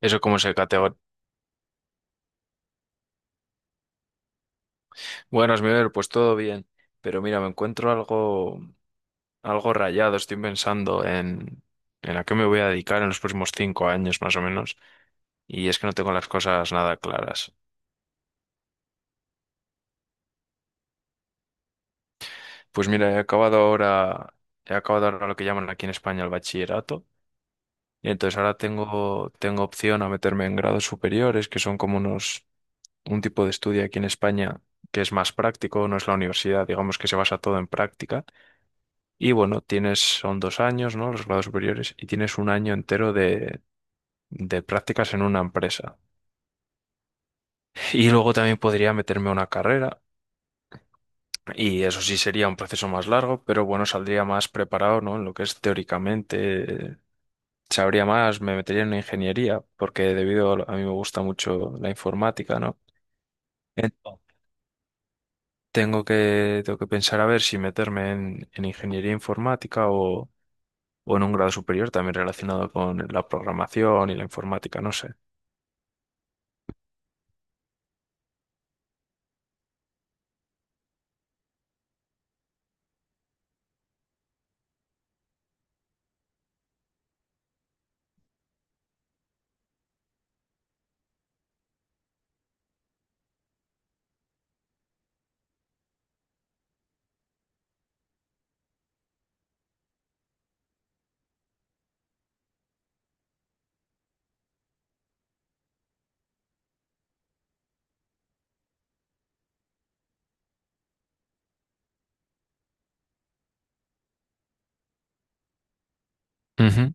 Eso como se categoriza. Bueno, Smiver, pues todo bien. Pero mira, me encuentro algo, algo rayado. Estoy pensando en a qué me voy a dedicar en los próximos 5 años, más o menos. Y es que no tengo las cosas nada claras. Pues mira, he acabado ahora lo que llaman aquí en España el bachillerato. Y entonces ahora tengo opción a meterme en grados superiores, que son como unos, un tipo de estudio aquí en España que es más práctico, no es la universidad, digamos que se basa todo en práctica. Y bueno, tienes, son 2 años, ¿no? Los grados superiores, y tienes un año entero de prácticas en una empresa. Y luego también podría meterme a una carrera, y eso sí sería un proceso más largo, pero bueno, saldría más preparado, ¿no? En lo que es teóricamente, sabría más, me metería en una ingeniería, porque debido a, a mí me gusta mucho la informática, ¿no? Entonces, tengo que pensar a ver si meterme en ingeniería informática o en un grado superior también relacionado con la programación y la informática, no sé. Ujú.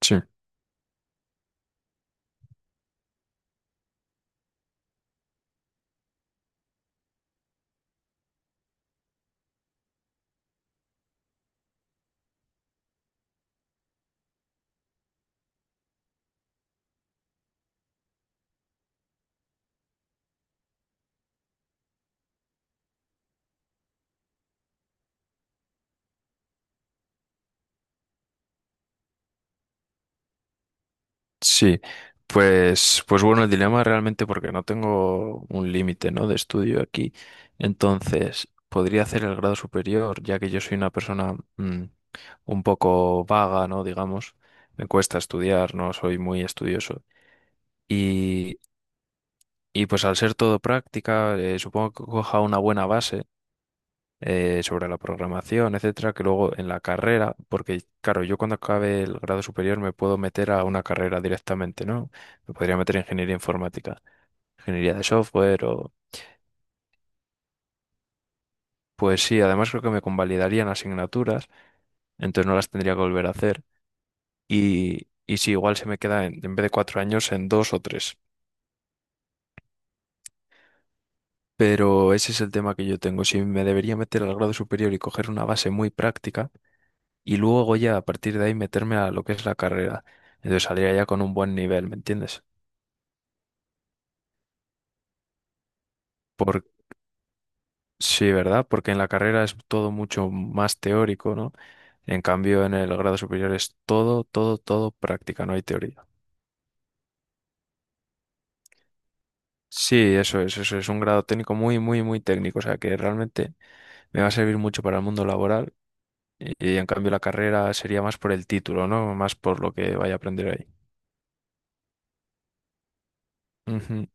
Sí, sí. Pues, pues bueno, el dilema realmente porque no tengo un límite, ¿no? De estudio aquí. Entonces, podría hacer el grado superior, ya que yo soy una persona un poco vaga, ¿no? Digamos, me cuesta estudiar, no soy muy estudioso. Y, y pues al ser todo práctica, supongo que coja una buena base. Sobre la programación, etcétera, que luego en la carrera, porque claro, yo cuando acabe el grado superior me puedo meter a una carrera directamente, ¿no? Me podría meter en ingeniería informática, ingeniería de software o... Pues sí, además creo que me convalidarían asignaturas, entonces no las tendría que volver a hacer. Y sí, igual se me queda en vez de 4 años en dos o tres. Pero ese es el tema que yo tengo. Si me debería meter al grado superior y coger una base muy práctica, y luego ya a partir de ahí meterme a lo que es la carrera. Entonces saldría ya con un buen nivel, ¿me entiendes? Por, sí, ¿verdad? Porque en la carrera es todo mucho más teórico, ¿no? En cambio, en el grado superior es todo, todo, todo práctica, no hay teoría. Sí, eso es un grado técnico muy, muy, muy técnico, o sea que realmente me va a servir mucho para el mundo laboral y, en cambio la carrera sería más por el título, ¿no? Más por lo que vaya a aprender ahí. Ujú.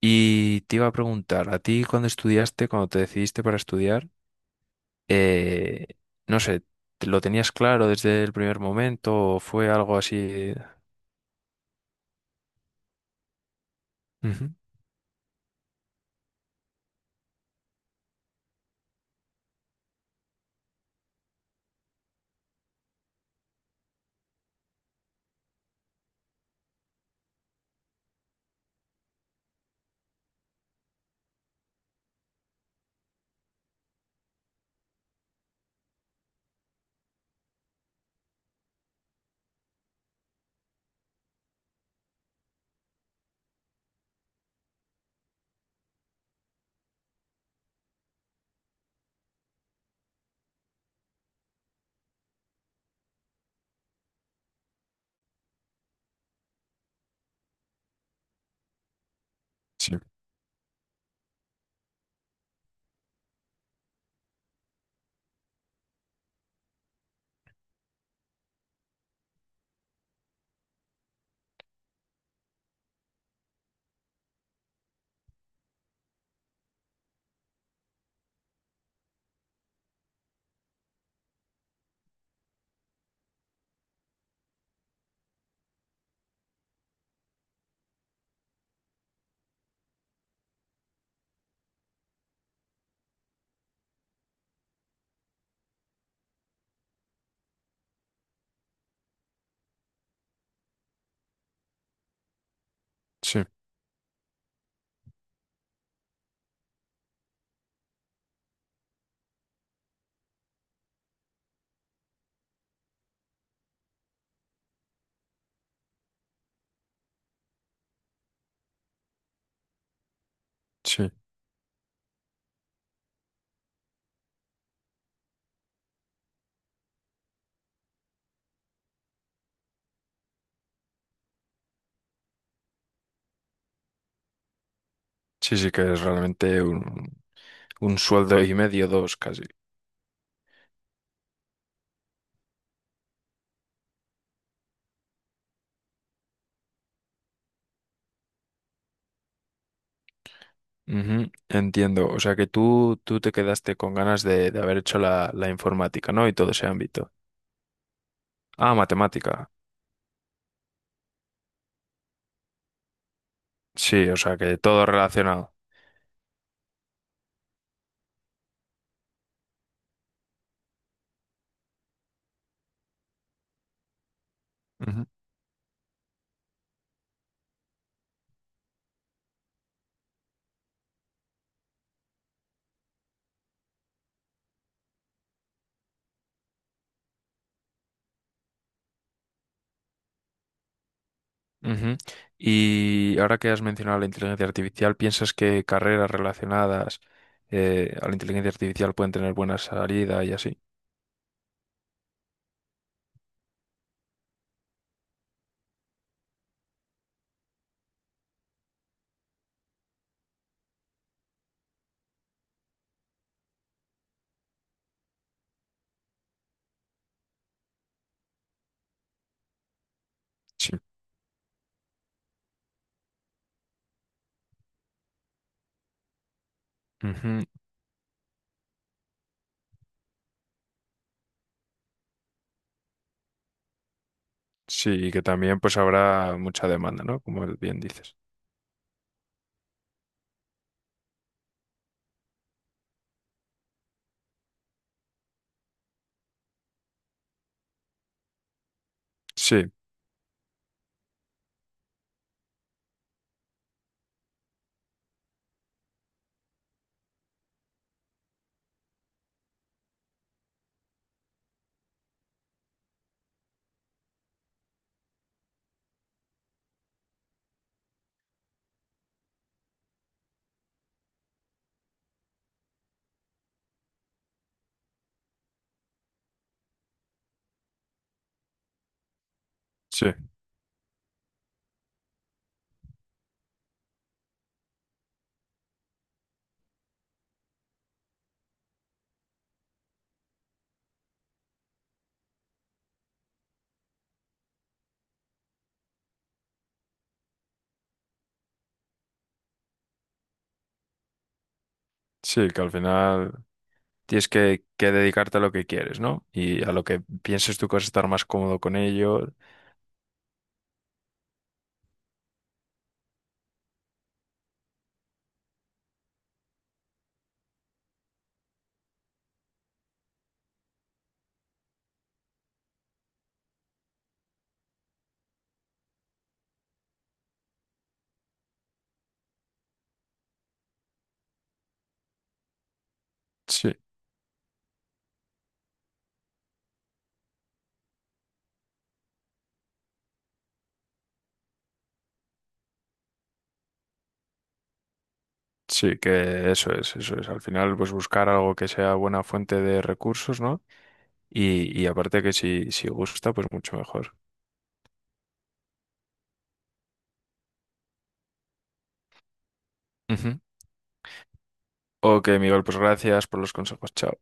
Y te iba a preguntar, ¿a ti cuando estudiaste, cuando te decidiste para estudiar, eh, no sé, ¿lo tenías claro desde el primer momento o fue algo así? Ujú. Sí, sí, sí, sí, sí, que es realmente un sueldo y medio, dos casi. Ujú, entiendo, o sea que tú te quedaste con ganas de haber hecho la informática, ¿no? Y todo ese ámbito. Ah, matemática. Sí, o sea que todo relacionado. Ujú. Y ahora que has mencionado la inteligencia artificial, ¿piensas que carreras relacionadas a la inteligencia artificial pueden tener buena salida y así? Sí. Ujú. Sí, y que también pues habrá mucha demanda, ¿no? Como bien dices. Sí, sí, sí, que al final tienes que dedicarte a lo que quieres, ¿no? Y a lo que pienses tú que vas a estar más cómodo con ello. Sí, sí, que eso es, eso es. Al final pues buscar algo que sea buena fuente de recursos, ¿no? Y aparte que si, si gusta, pues mucho mejor. Ujú. Ok, Miguel, pues gracias por los consejos. Chao.